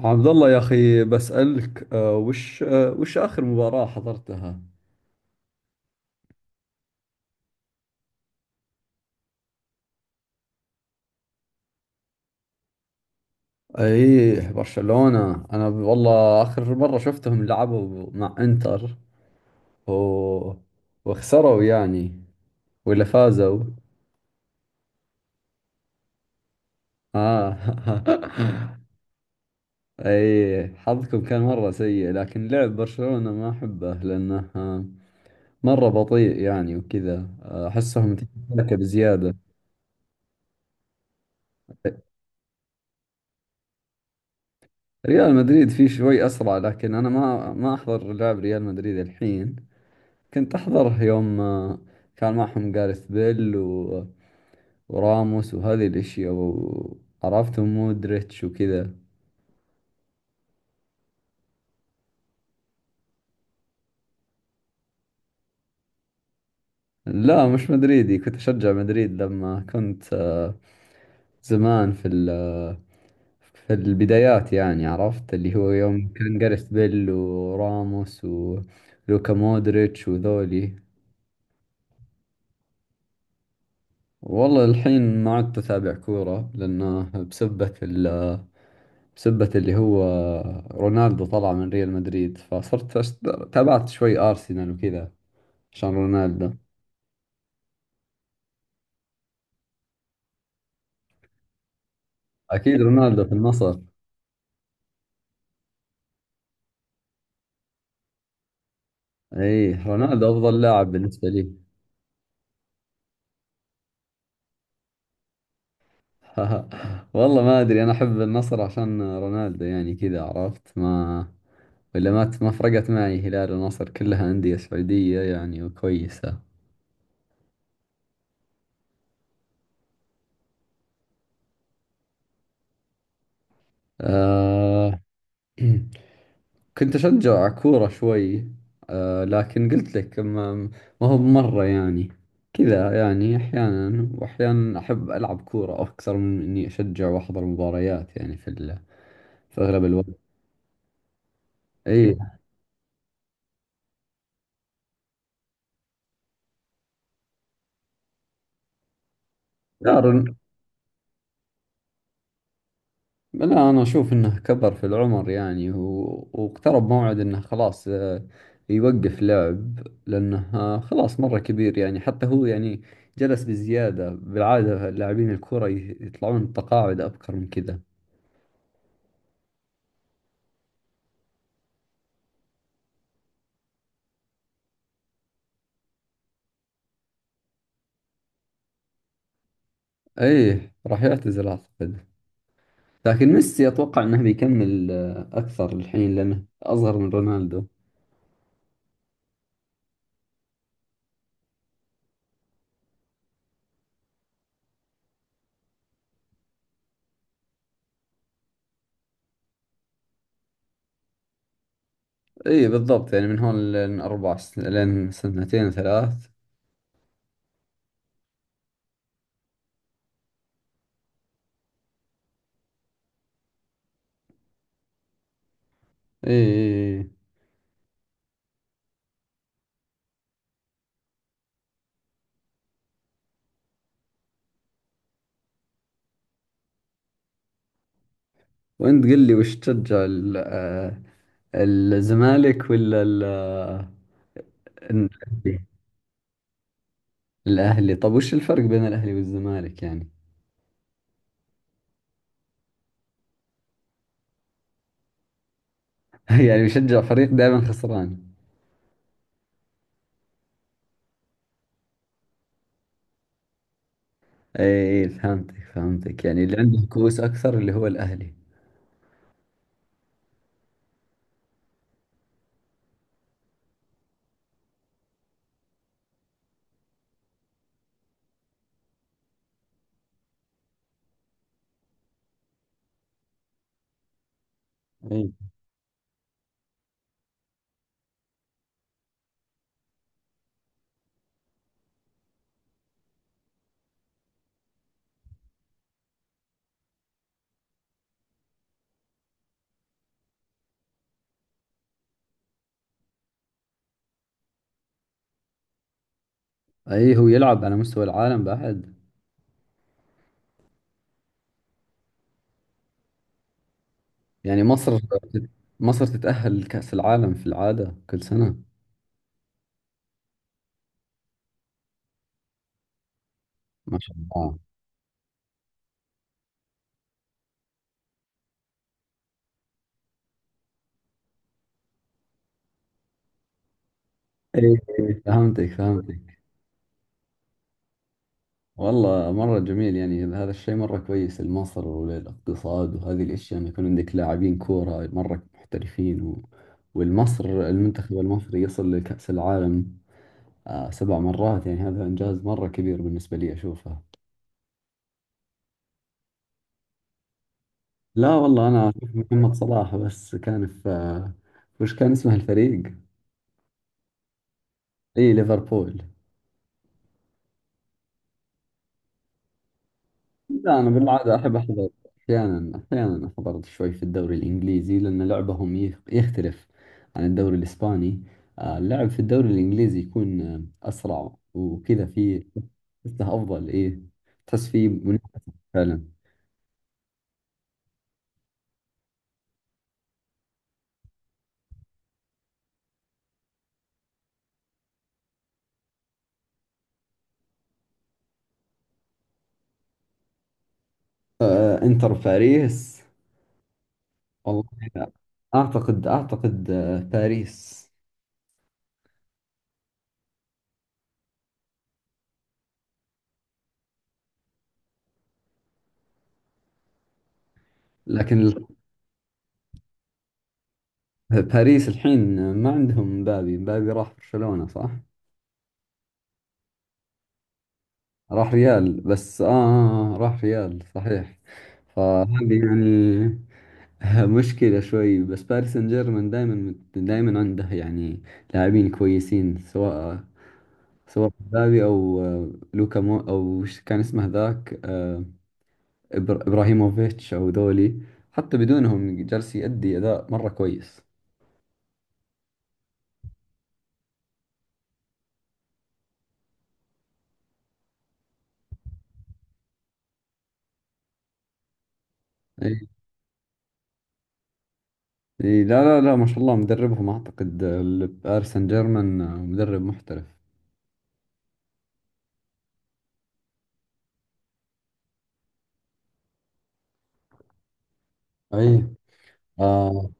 عبد الله يا أخي بسألك وش آخر مباراة حضرتها؟ أيه برشلونة. أنا والله آخر مرة شفتهم لعبوا مع إنتر و... وخسروا يعني، ولا فازوا؟ آه. أيه حظكم كان مرة سيء، لكن لعب برشلونة ما أحبه لأنه مرة بطيء يعني وكذا. أحسهم تكتيكة بزيادة. ريال مدريد فيه شوي أسرع، لكن أنا ما أحضر لعب ريال مدريد الحين. كنت أحضره يوم كان معهم جاريث بيل وراموس وهذه الأشياء. وعرفتهم مودريتش وكذا. لا، مش مدريدي. كنت أشجع مدريد لما كنت زمان، في ال... آه، في البدايات يعني. عرفت اللي هو يوم كان جاريث بيل وراموس ولوكا مودريتش وذولي. والله الحين ما عدت أتابع كورة، لأنه بسبة ال بسبة اللي هو رونالدو طلع من ريال مدريد. فصرت تابعت شوي أرسنال وكذا عشان رونالدو. أكيد رونالدو في النصر. إي، رونالدو أفضل لاعب بالنسبة لي. والله ما أدري، أنا أحب النصر عشان رونالدو يعني كذا عرفت. ما ولا ما فرقت معي هلال ونصر، كلها أندية سعودية يعني وكويسة. أه. كنت أشجع كورة شوي، لكن قلت لك ما هو مرة يعني كذا. يعني أحيانا وأحيانا أحب ألعب كورة أكثر من إني أشجع وأحضر مباريات يعني في أغلب الوقت. أي. دار. لا، أنا أشوف إنه كبر في العمر يعني واقترب موعد إنه خلاص يوقف لعب. لأنه خلاص مرة كبير يعني. حتى هو يعني جلس بزيادة، بالعادة لاعبين الكورة يطلعون تقاعد أبكر من كذا. ايه، راح يعتزل اعتقد. لكن ميسي اتوقع انه بيكمل اكثر الحين، لانه اصغر من رونالدو. ايه بالضبط، يعني من هون لين سنتين ثلاث. ايه، إيه، إيه. وانت قل لي وش تشجع الزمالك ولا الاهلي؟ الأهلي. طب وش الفرق بين الاهلي والزمالك يعني؟ يعني بشجع فريق دائما خسران؟ ايه، إيه، فهمتك، فهمتك، يعني اللي عنده كؤوس اكثر اللي هو الاهلي. اي، هو يلعب على مستوى العالم بعد. يعني مصر، مصر تتأهل لكأس العالم في العادة كل سنة. ما شاء الله. اي، إي، فهمتك، فهمتك. والله مرة جميل يعني. هذا الشيء مرة كويس لمصر وللاقتصاد وهذه الأشياء، أن يكون عندك لاعبين كورة مرة محترفين المنتخب المصري يصل لكأس العالم 7 مرات. يعني هذا إنجاز مرة كبير بالنسبة لي أشوفه. لا والله، أنا أشوف محمد صلاح بس. كان في وش كان اسمه الفريق؟ اي، ليفربول. لا، انا بالعاده احب احضر، احيانا، احيانا احضر شوي في الدوري الانجليزي، لان لعبهم يختلف عن الدوري الاسباني. اللعب في الدوري الانجليزي يكون اسرع وكذا. فيه تحسه افضل، ايه، تحس فيه منافسه. فعلا. انتر باريس. والله اعتقد باريس. لكن باريس الحين ما عندهم مبابي. مبابي راح برشلونة، صح؟ راح ريال بس. راح ريال صحيح. فهذه يعني مشكلة شوي. بس باريس سان جيرمان دائما دائما عنده يعني لاعبين كويسين، سواء مبابي أو لوكا مو، أو وش كان اسمه ذاك؟ إبراهيموفيتش أو ذولي. حتى بدونهم جالس يأدي أداء مرة كويس. إي، إي، لا، لا، لا، ما شاء الله. مدربهم أعتقد باريس سان جيرمان مدرب محترف. أي. آه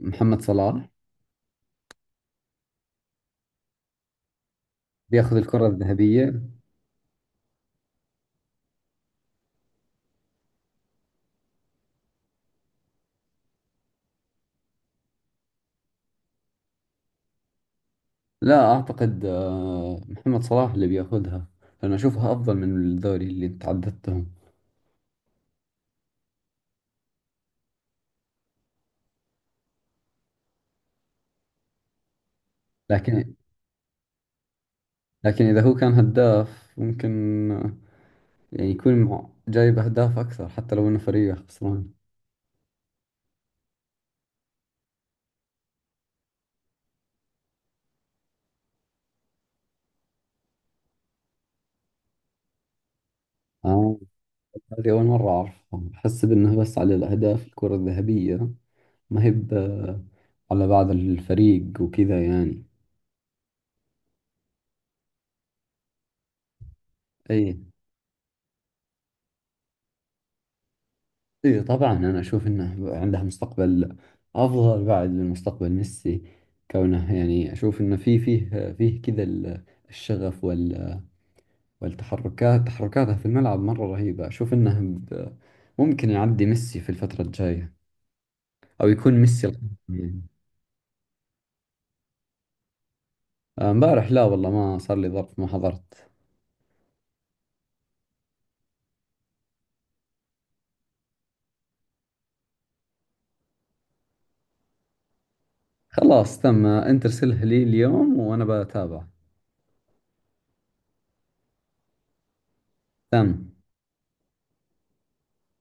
محمد صلاح بياخذ الكرة الذهبية. لا أعتقد محمد صلاح اللي بياخذها، لأنه أشوفها أفضل من الدوري اللي أنت عددتهم. لكن لكن إذا هو كان هداف، ممكن آه، يعني يكون جايب أهداف أكثر، حتى لو إنه فريقه خسران. آه، هذه أول مرة أعرفها، أحسب إنها بس على الأهداف الكرة الذهبية. ما هي على بعض الفريق وكذا يعني. أي. اي طبعا، انا اشوف انه عنده مستقبل افضل بعد من مستقبل ميسي. كونه يعني اشوف انه في فيه فيه كذا الشغف تحركاته في الملعب مرة رهيبة. اشوف انه ممكن يعدي ميسي في الفترة الجاية، او يكون ميسي القادم يعني. امبارح لا والله، ما صار لي ظرف، ما حضرت. خلاص تم، انت ارسله لي اليوم وانا بتابع. تم.